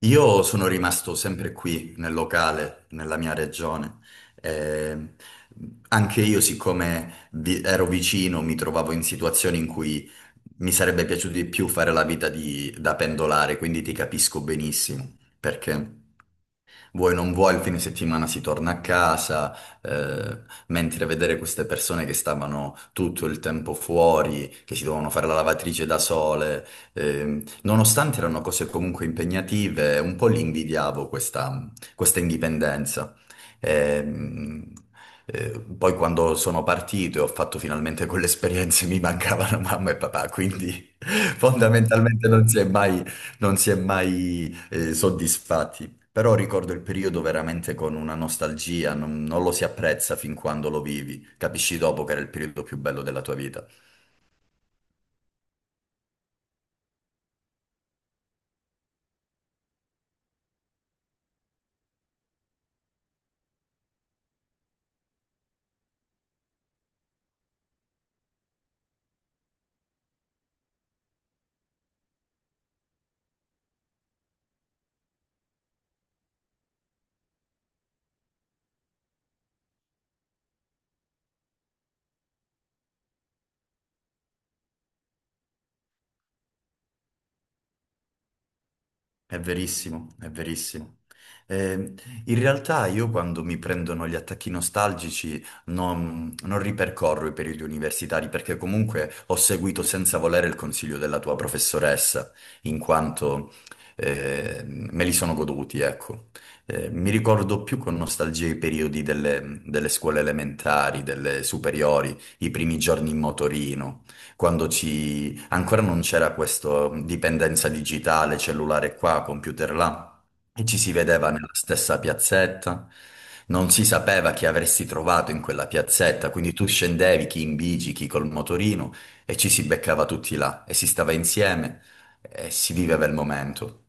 Io sono rimasto sempre qui nel locale, nella mia regione. Eh, Anche io, siccome ero vicino, mi trovavo in situazioni in cui mi sarebbe piaciuto di più fare la vita da pendolare, quindi ti capisco benissimo perché vuoi non vuoi, il fine settimana si torna a casa, eh, mentre vedere queste persone che stavano tutto il tempo fuori, che si dovevano fare la lavatrice da sole, nonostante erano cose comunque impegnative, un po' li invidiavo questa indipendenza. Ehm, Poi quando sono partito e ho fatto finalmente quelle esperienze mi mancavano mamma e papà, quindi fondamentalmente non si è mai soddisfatti. Però ricordo il periodo veramente con una nostalgia, non lo si apprezza fin quando lo vivi. Capisci dopo che era il periodo più bello della tua vita. È verissimo, è verissimo. Eh, In realtà io quando mi prendono gli attacchi nostalgici non ripercorro i periodi universitari perché comunque ho seguito senza volere il consiglio della tua professoressa, in quanto me li sono goduti, ecco. Mi ricordo più con nostalgia i periodi delle scuole elementari, delle superiori, i primi giorni in motorino, quando ci ancora non c'era questa dipendenza digitale, cellulare qua, computer là, e ci si vedeva. Mm. Nella stessa piazzetta. Non si sapeva chi avresti trovato in quella piazzetta, quindi tu scendevi, chi in bici, chi col motorino, e ci si beccava tutti là, e si stava insieme, e si viveva il momento.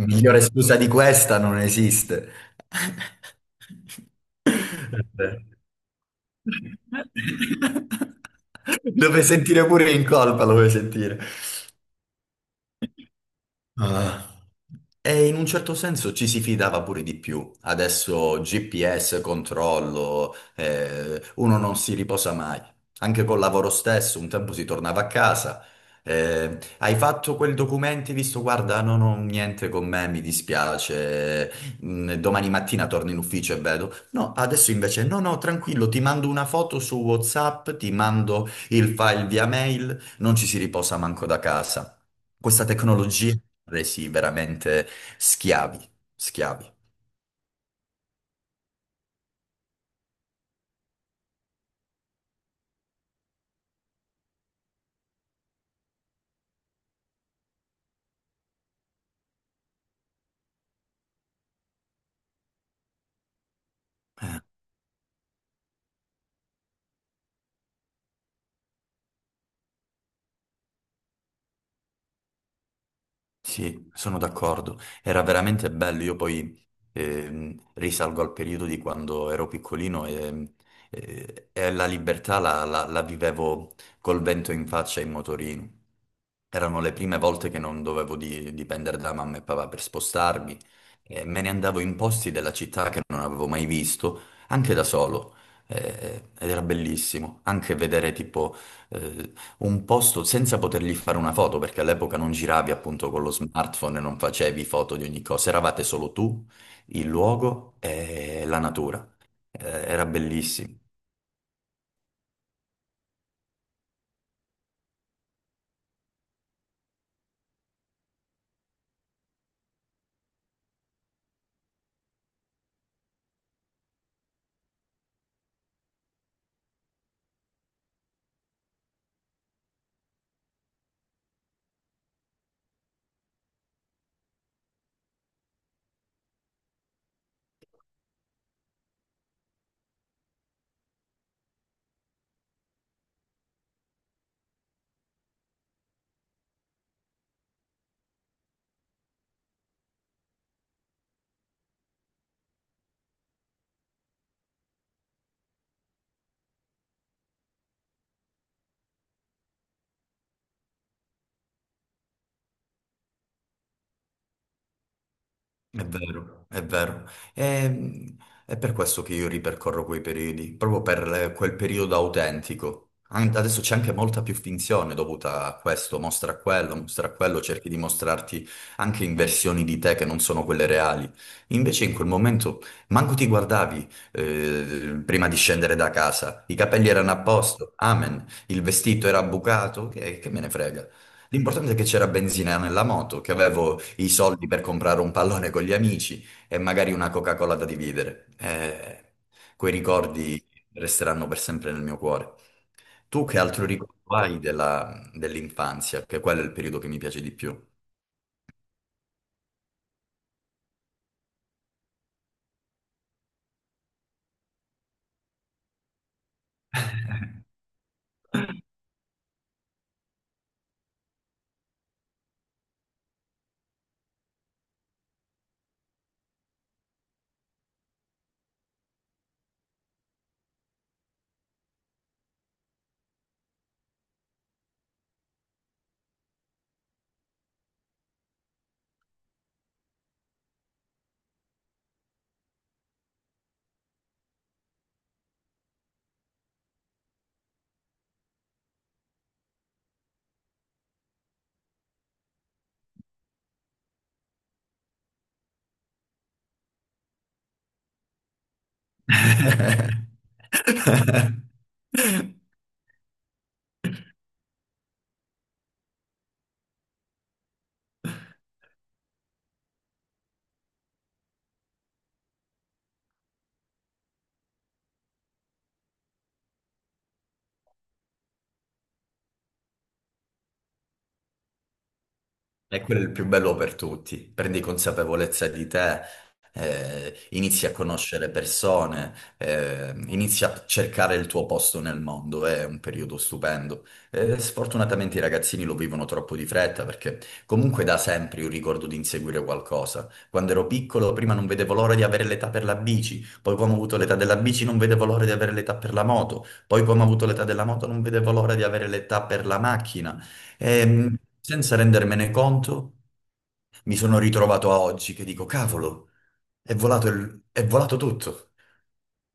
Migliore scusa di questa non esiste. Dove sentire pure in colpa, lo vuoi sentire? Ah. E in un certo senso ci si fidava pure di più. Adesso GPS, controllo, uno non si riposa mai. Anche col lavoro stesso, un tempo si tornava a casa. Eh, hai fatto quel documento, hai visto, guarda, non ho niente con me, mi dispiace. Domani mattina torno in ufficio e vedo. No, adesso invece, no, no, tranquillo, ti mando una foto su WhatsApp, ti mando il file via mail, non ci si riposa manco da casa. Questa tecnologia resi veramente schiavi, schiavi. Sì, sono d'accordo. Era veramente bello. Io poi risalgo al periodo di quando ero piccolino e, e la libertà la vivevo col vento in faccia in motorino. Erano le prime volte che non dovevo dipendere da mamma e papà per spostarmi e me ne andavo in posti della città che non avevo mai visto, anche da solo. Ed era bellissimo anche vedere tipo eh, un posto senza potergli fare una foto, perché all'epoca non giravi appunto con lo smartphone, e non facevi foto di ogni cosa, eravate solo tu, il luogo e la natura. Eh, era bellissimo. È vero, è vero. E- È, per questo che io ripercorro quei periodi, proprio per quel periodo autentico. Adesso c'è anche molta più finzione dovuta a questo, mostra quello, cerchi di mostrarti anche in versioni di te che non sono quelle reali. Invece in quel momento manco ti guardavi prima di scendere da casa, i capelli erano a posto, amen, il vestito era bucato, che me ne frega. L'importante è che c'era benzina nella moto, che avevo i soldi per comprare un pallone con gli amici e magari una Coca-Cola da dividere. Quei ricordi resteranno per sempre nel mio cuore. Tu che altro ricordo hai dell'infanzia? Che quello è il periodo che mi piace di più. E quello è il più bello per tutti. Prendi consapevolezza di te, inizi a conoscere persone, inizi a cercare il tuo posto nel mondo. È un periodo stupendo. Sfortunatamente i ragazzini lo vivono troppo di fretta perché comunque da sempre io ricordo di inseguire qualcosa. Quando ero piccolo, prima non vedevo l'ora di avere l'età per la bici, poi quando ho avuto l'età della bici non vedevo l'ora di avere l'età per la moto, poi quando ho avuto l'età della moto non vedevo l'ora di avere l'età per la macchina. E senza rendermene conto, mi sono ritrovato a oggi che dico, cavolo, è volato, è volato tutto.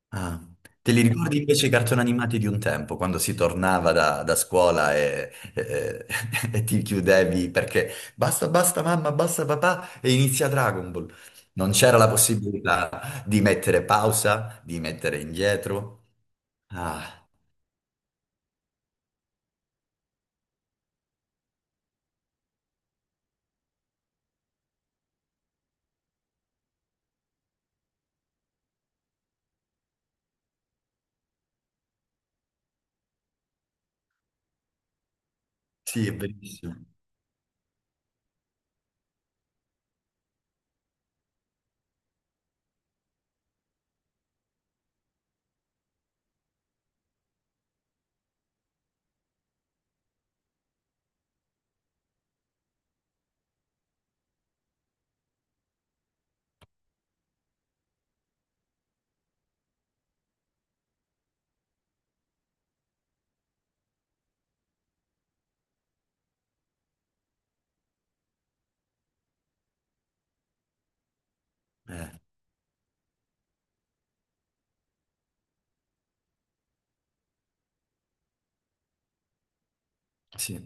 Ah, te li ricordi invece i cartoni animati di un tempo, quando si tornava da scuola e, e ti chiudevi perché basta, basta mamma, basta papà e inizia Dragon Ball. Non c'era la possibilità di mettere pausa, di mettere indietro. Ah, sì, è bellissimo. Eh, sì.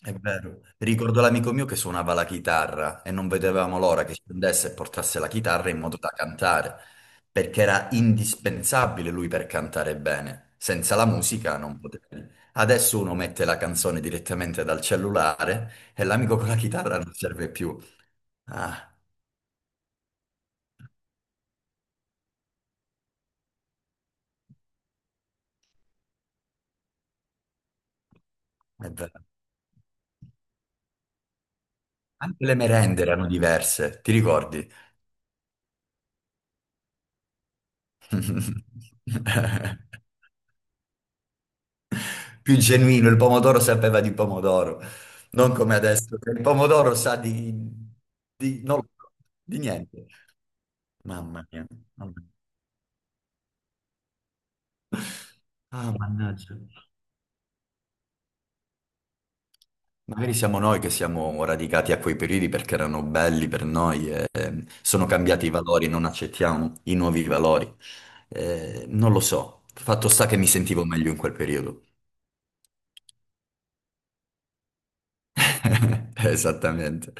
È vero. Ricordo l'amico mio che suonava la chitarra e non vedevamo l'ora che scendesse e portasse la chitarra in modo da cantare, perché era indispensabile lui per cantare bene. Senza la musica non potevi. Adesso uno mette la canzone direttamente dal cellulare e l'amico con la chitarra non serve più. Ah, è vero. Anche le merende erano diverse, ti ricordi? Più genuino, il pomodoro sapeva di pomodoro, non come adesso, che il pomodoro sa di, non lo so, di niente. Mamma mia. Mamma mia. Ah, mannaggia. Magari siamo noi che siamo radicati a quei periodi perché erano belli per noi e sono cambiati i valori, non accettiamo i nuovi valori. Non lo so. Fatto sta che mi sentivo meglio in quel periodo. Esattamente.